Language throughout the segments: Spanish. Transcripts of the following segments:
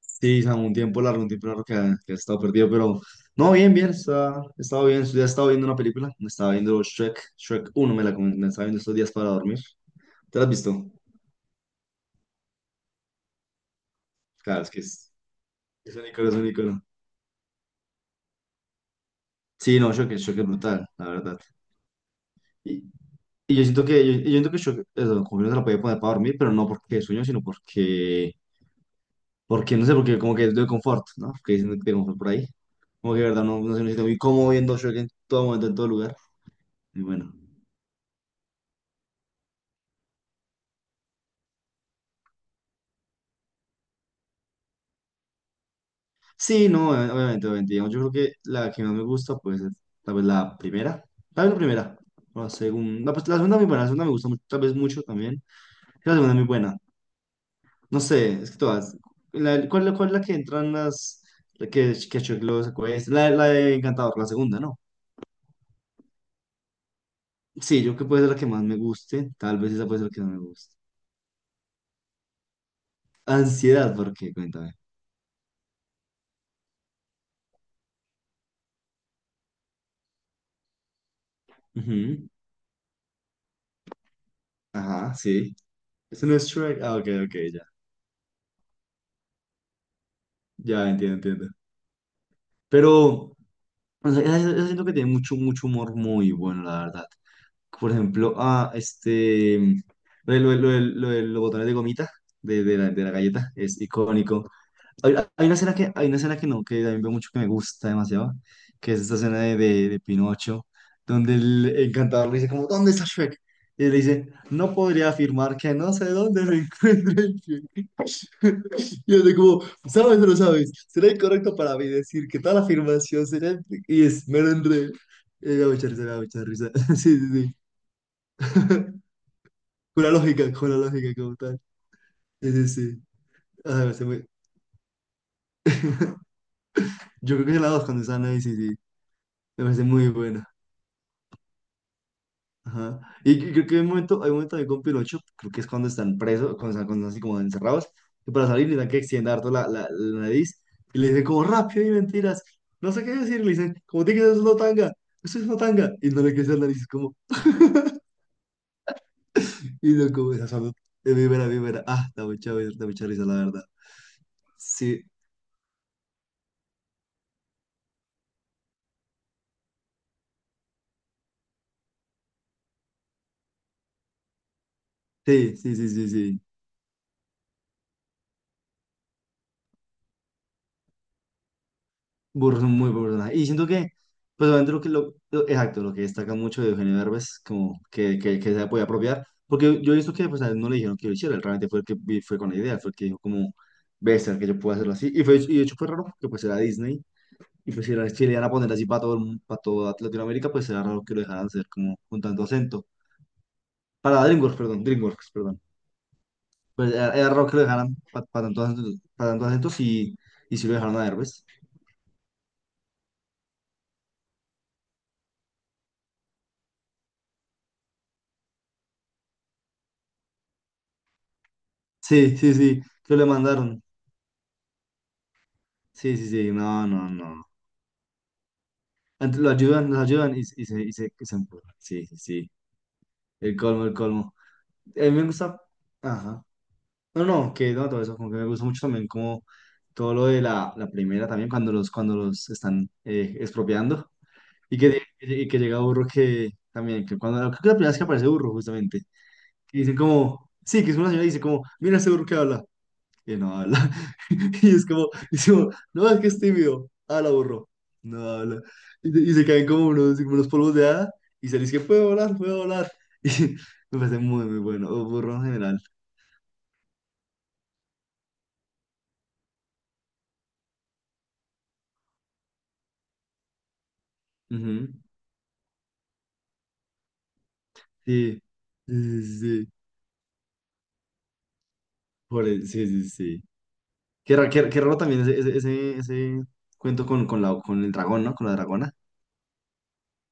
Sí, Samu, un tiempo largo que ha estado perdido, pero no, bien, bien, estaba bien, ya estaba viendo una película, me estaba viendo Shrek, Shrek uno, me la estaba viendo estos días para dormir. ¿Te la has visto? Claro, es un icono, es un icono. Sí, no, Shrek es brutal, la verdad. Y, y yo siento que, yo siento que Shrek, eso, como que no se la podía poner para dormir, pero no porque sueño, sino porque no sé, porque como que es de confort, ¿no? Que dicen de confort por ahí. Como que, de verdad, no sé, me siento muy cómodo viendo Shrek en todo momento, en todo lugar, y bueno. Sí, no, obviamente, obviamente. Digamos, yo creo que la que más me gusta, pues, es tal vez la primera. Tal vez la primera. O la segunda. Pues la segunda es muy buena. La segunda me gusta mucho, tal vez mucho también. La segunda es muy buena. No sé, es que todas. La, ¿cuál es la que entran las? La que Chuck los acuesta. La de Encantador, la segunda, ¿no? Sí, yo creo que puede ser la que más me guste. Tal vez esa puede ser la que más me guste. Ansiedad, ¿por qué? Cuéntame. Ujú. Ajá, sí. Eso no es Shrek. Ah, ok, ok, ya. Ya entiendo, entiendo. Pero. O sea, esa siento que tiene mucho, mucho humor muy bueno, la verdad. Por ejemplo, ah, este, mm, lo de los botones de gomita de la galleta es icónico. Hay una escena que, hay una escena que no, que también veo mucho que me gusta demasiado, que es esta escena de Pinocho, donde el encantador le dice como, ¿dónde está Shrek? Y él le dice, no podría afirmar que no sé dónde lo encuentre. Yo de como, ¿sabes o no sabes? ¿Será incorrecto para mí decir que tal afirmación será... Y es, me lo enredé. Me da mucha risa, me da mucha risa. Sí, sí, sí. Con la lógica como tal. Sí, sí, sí. Ah, me parece muy... Yo creo que es la dos cuando están ahí, sí, sí. Me parece muy buena. Ajá. Y creo que hay un momento ahí con Pinocho, creo que es cuando están presos, cuando están así como encerrados, que para salir les dan que extienda harto la nariz, y le dicen como rápido y mentiras, no sé qué decir, le dicen, como tiene que ser una tanga, eso es una tanga, y no le crece la nariz, como, y no como esa salud, víbora, víbora, ah, da mucha risa, la verdad. Sí, sí, sí, sí, sí, sí. Burro, muy burro. Y siento que, pues obviamente lo que, lo- exacto, lo que destaca mucho de Eugenio Derbez, como que, que se podía apropiar, porque yo he visto que pues a él no le dijeron que lo hiciera, él realmente fue el que fue con la idea, fue el que dijo como, ves, que yo puedo hacerlo así, y, fue, y de hecho fue raro, que pues era Disney, y pues si, era, si le iban a poner así para todo, el para toda Latinoamérica, pues era raro que lo dejaran hacer como con tanto acento, para DreamWorks, perdón, pues era, era raro que lo dejaran para tanto, pa tanto acento, y si lo dejaron a Derbez, sí, sí, sí, que le mandaron. Sí, sí, sí, no, no, no. Lo ayudan, los ayudan y se empujan. Sí, sí, sí. El colmo, el colmo. A mí me gusta. Ajá. No, no, que no, todo eso, como que me gusta mucho también, como todo lo de la primera también, cuando los están expropiando. Y que llega Burro que también, que cuando, creo que la primera vez que aparece Burro, justamente. Y dicen como, sí, que es una señora y dice como, mira ese Burro que habla. Y no habla. Y es como, no, es que es tímido. Ah, la borró. No habla. Y se caen como unos polvos de hada y se le dice puedo volar, puedo volar. Y me parece muy, muy bueno. O burro en general. Ujú. Sí, sí, sí, sí. Sí, sí, sí. Qué raro, qué raro también ese cuento con el dragón, ¿no? Con la dragona.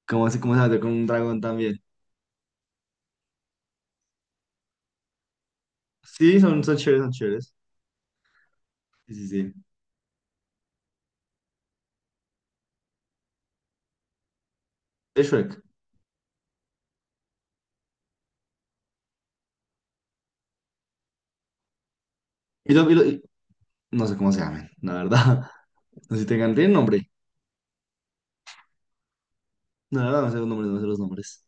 Cómo se mete con un dragón también? Sí, son, son chéveres, son chéveres. Sí, sí, sí. Es Shrek. ¿Y, lo- y lo- No sé cómo se llaman, la verdad. No sé si tengan, tienen nombre. La verdad, no sé los nombres, no sé los nombres.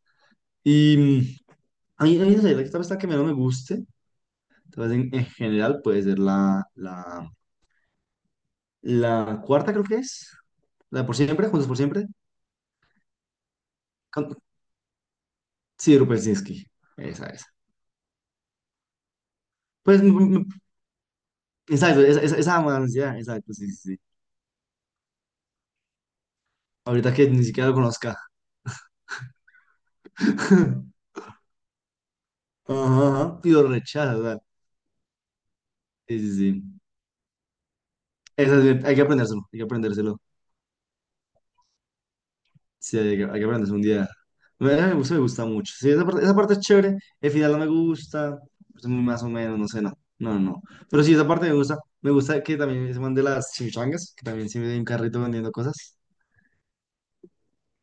Y mm, a mí no sé, la que menos me guste, tal vez en general puede ser la cuarta, creo que es. La de por siempre, Juntos por siempre. Con- Sí, de Rupersinski. Esa, esa. Pues, mm, mm, exacto, esa me da ansiedad, exacto, sí, sí, sí. Ahorita que ni siquiera lo conozca. Ajá, ajá, pido rechaza, o sea. Sí, sí, sí. Hay que aprendérselo, hay que aprendérselo. Sí, hay que aprenderse un día. Me gusta mucho. Sí, esa parte es chévere. El final no me gusta. Es muy más o menos, no sé, no. No, no, no. Pero sí, esa parte me gusta. Me gusta que también se mande las chimichangas, que también se me un carrito vendiendo cosas.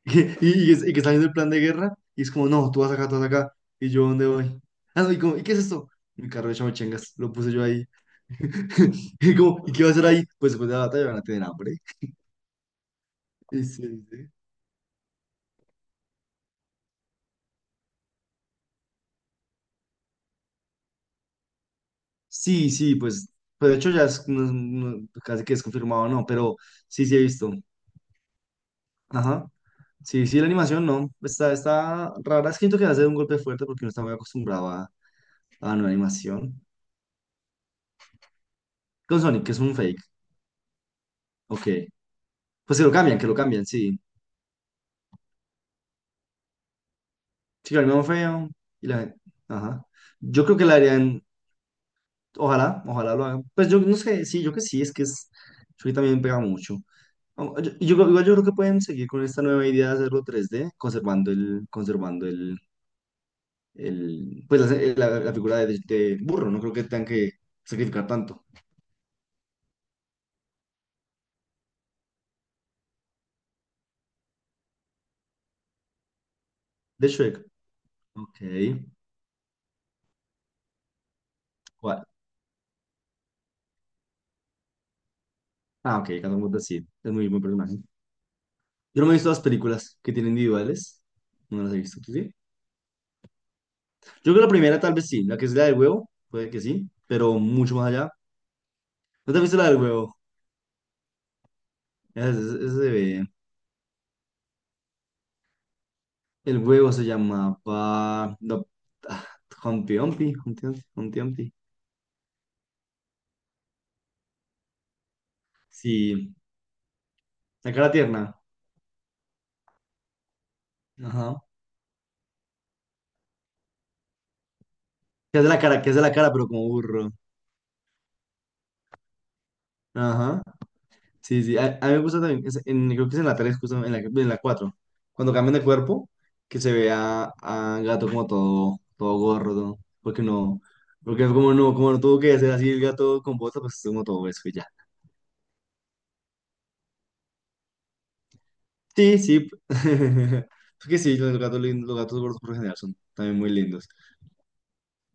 Y que está viendo el plan de guerra. Y es como, no, tú vas acá, tú vas acá. ¿Y yo dónde voy? Ah, no, y como, ¿y qué es esto? Mi carro de chimichangas. Lo puse yo ahí. Y como, ¿y qué va a hacer ahí? Pues después de la batalla van a tener hambre. Y sí, sí. Sí, sí, pues, pero de hecho ya es, casi que es confirmado, no, pero sí, sí he visto. Ajá. Sí, sí, la animación no, está, está rara. Es que siento que va a ser un golpe fuerte porque no está muy acostumbrado a la nueva animación. Con Sonic, que es un fake. Ok. Pues que lo cambian, sí. Sí, que lo animaron feo. Y la gente. Ajá. Yo creo que la harían. Ojalá, ojalá lo hagan. Pues yo no sé, sí, yo que sí, es que es. Yo también pega mucho. Yo, igual yo creo que pueden seguir con esta nueva idea de hacerlo tres d conservando conservando el, pues la, la figura de burro, no creo que tengan que sacrificar tanto. De Shrek, ok, ¿cuál? Ah, ok, Catwoman sí, es muy buen personaje. Yo no me he visto las películas que tienen individuales, no las he visto, ¿tú sí? Yo creo que la primera tal vez sí, la que es la del huevo, puede que sí, pero mucho más allá. ¿No te has visto la del huevo? Ese se ve. El huevo se llamaba no, ah, Humpty Dumpty, Humpty Dumpty, Humpty Dumpty. Sí, la cara tierna, ajá. Que hace la cara, que hace la cara, pero como burro. Ajá. Sí, sí, a mí me gusta también, creo que es en la 3, justo en la 4 cuando cambian de cuerpo, que se ve a gato como todo, todo gordo, porque no, porque como no tuvo que hacer así el gato con bota, pues como todo eso y ya. Sí, sí, es que sí, los gatos gordos por lo general son también muy lindos,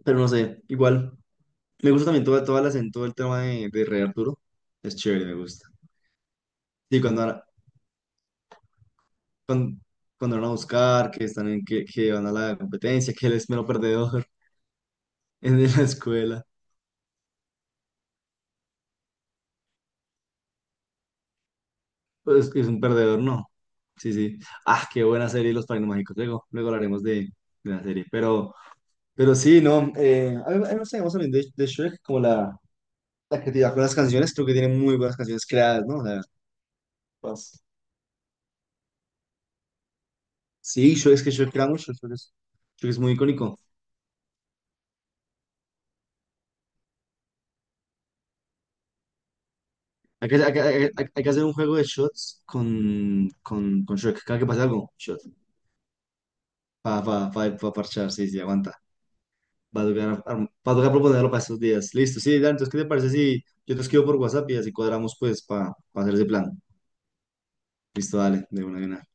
pero no sé, igual, me gusta también toda, toda la, todo el tema de Rey Arturo, es chévere, me gusta. Sí, cuando, cuando, cuando van a buscar, que están en, que van a la competencia, que él es mero perdedor en la escuela. Pues es un perdedor, no. Sí, sí. Ah, qué buena serie Los Padrinos Mágicos. Luego, luego hablaremos de la serie. Pero sí, no. A mí no sé, vamos a hablar de Shrek, como la creatividad con las canciones. Creo que tiene muy buenas canciones creadas, ¿no? O sea, pues, sí, Shrek, es que Shrek crea mucho. Shrek es muy icónico. Hay que hacer un juego de shots con Shrek. Cada que pase algo, shots va a parchar, sí, sí, aguanta. Va a tocar, va a tocar proponerlo para estos días. Listo, sí, dale, entonces, ¿qué te parece si yo te escribo por WhatsApp y así cuadramos, pues, para hacer ese plan? Listo, dale, de una, de una.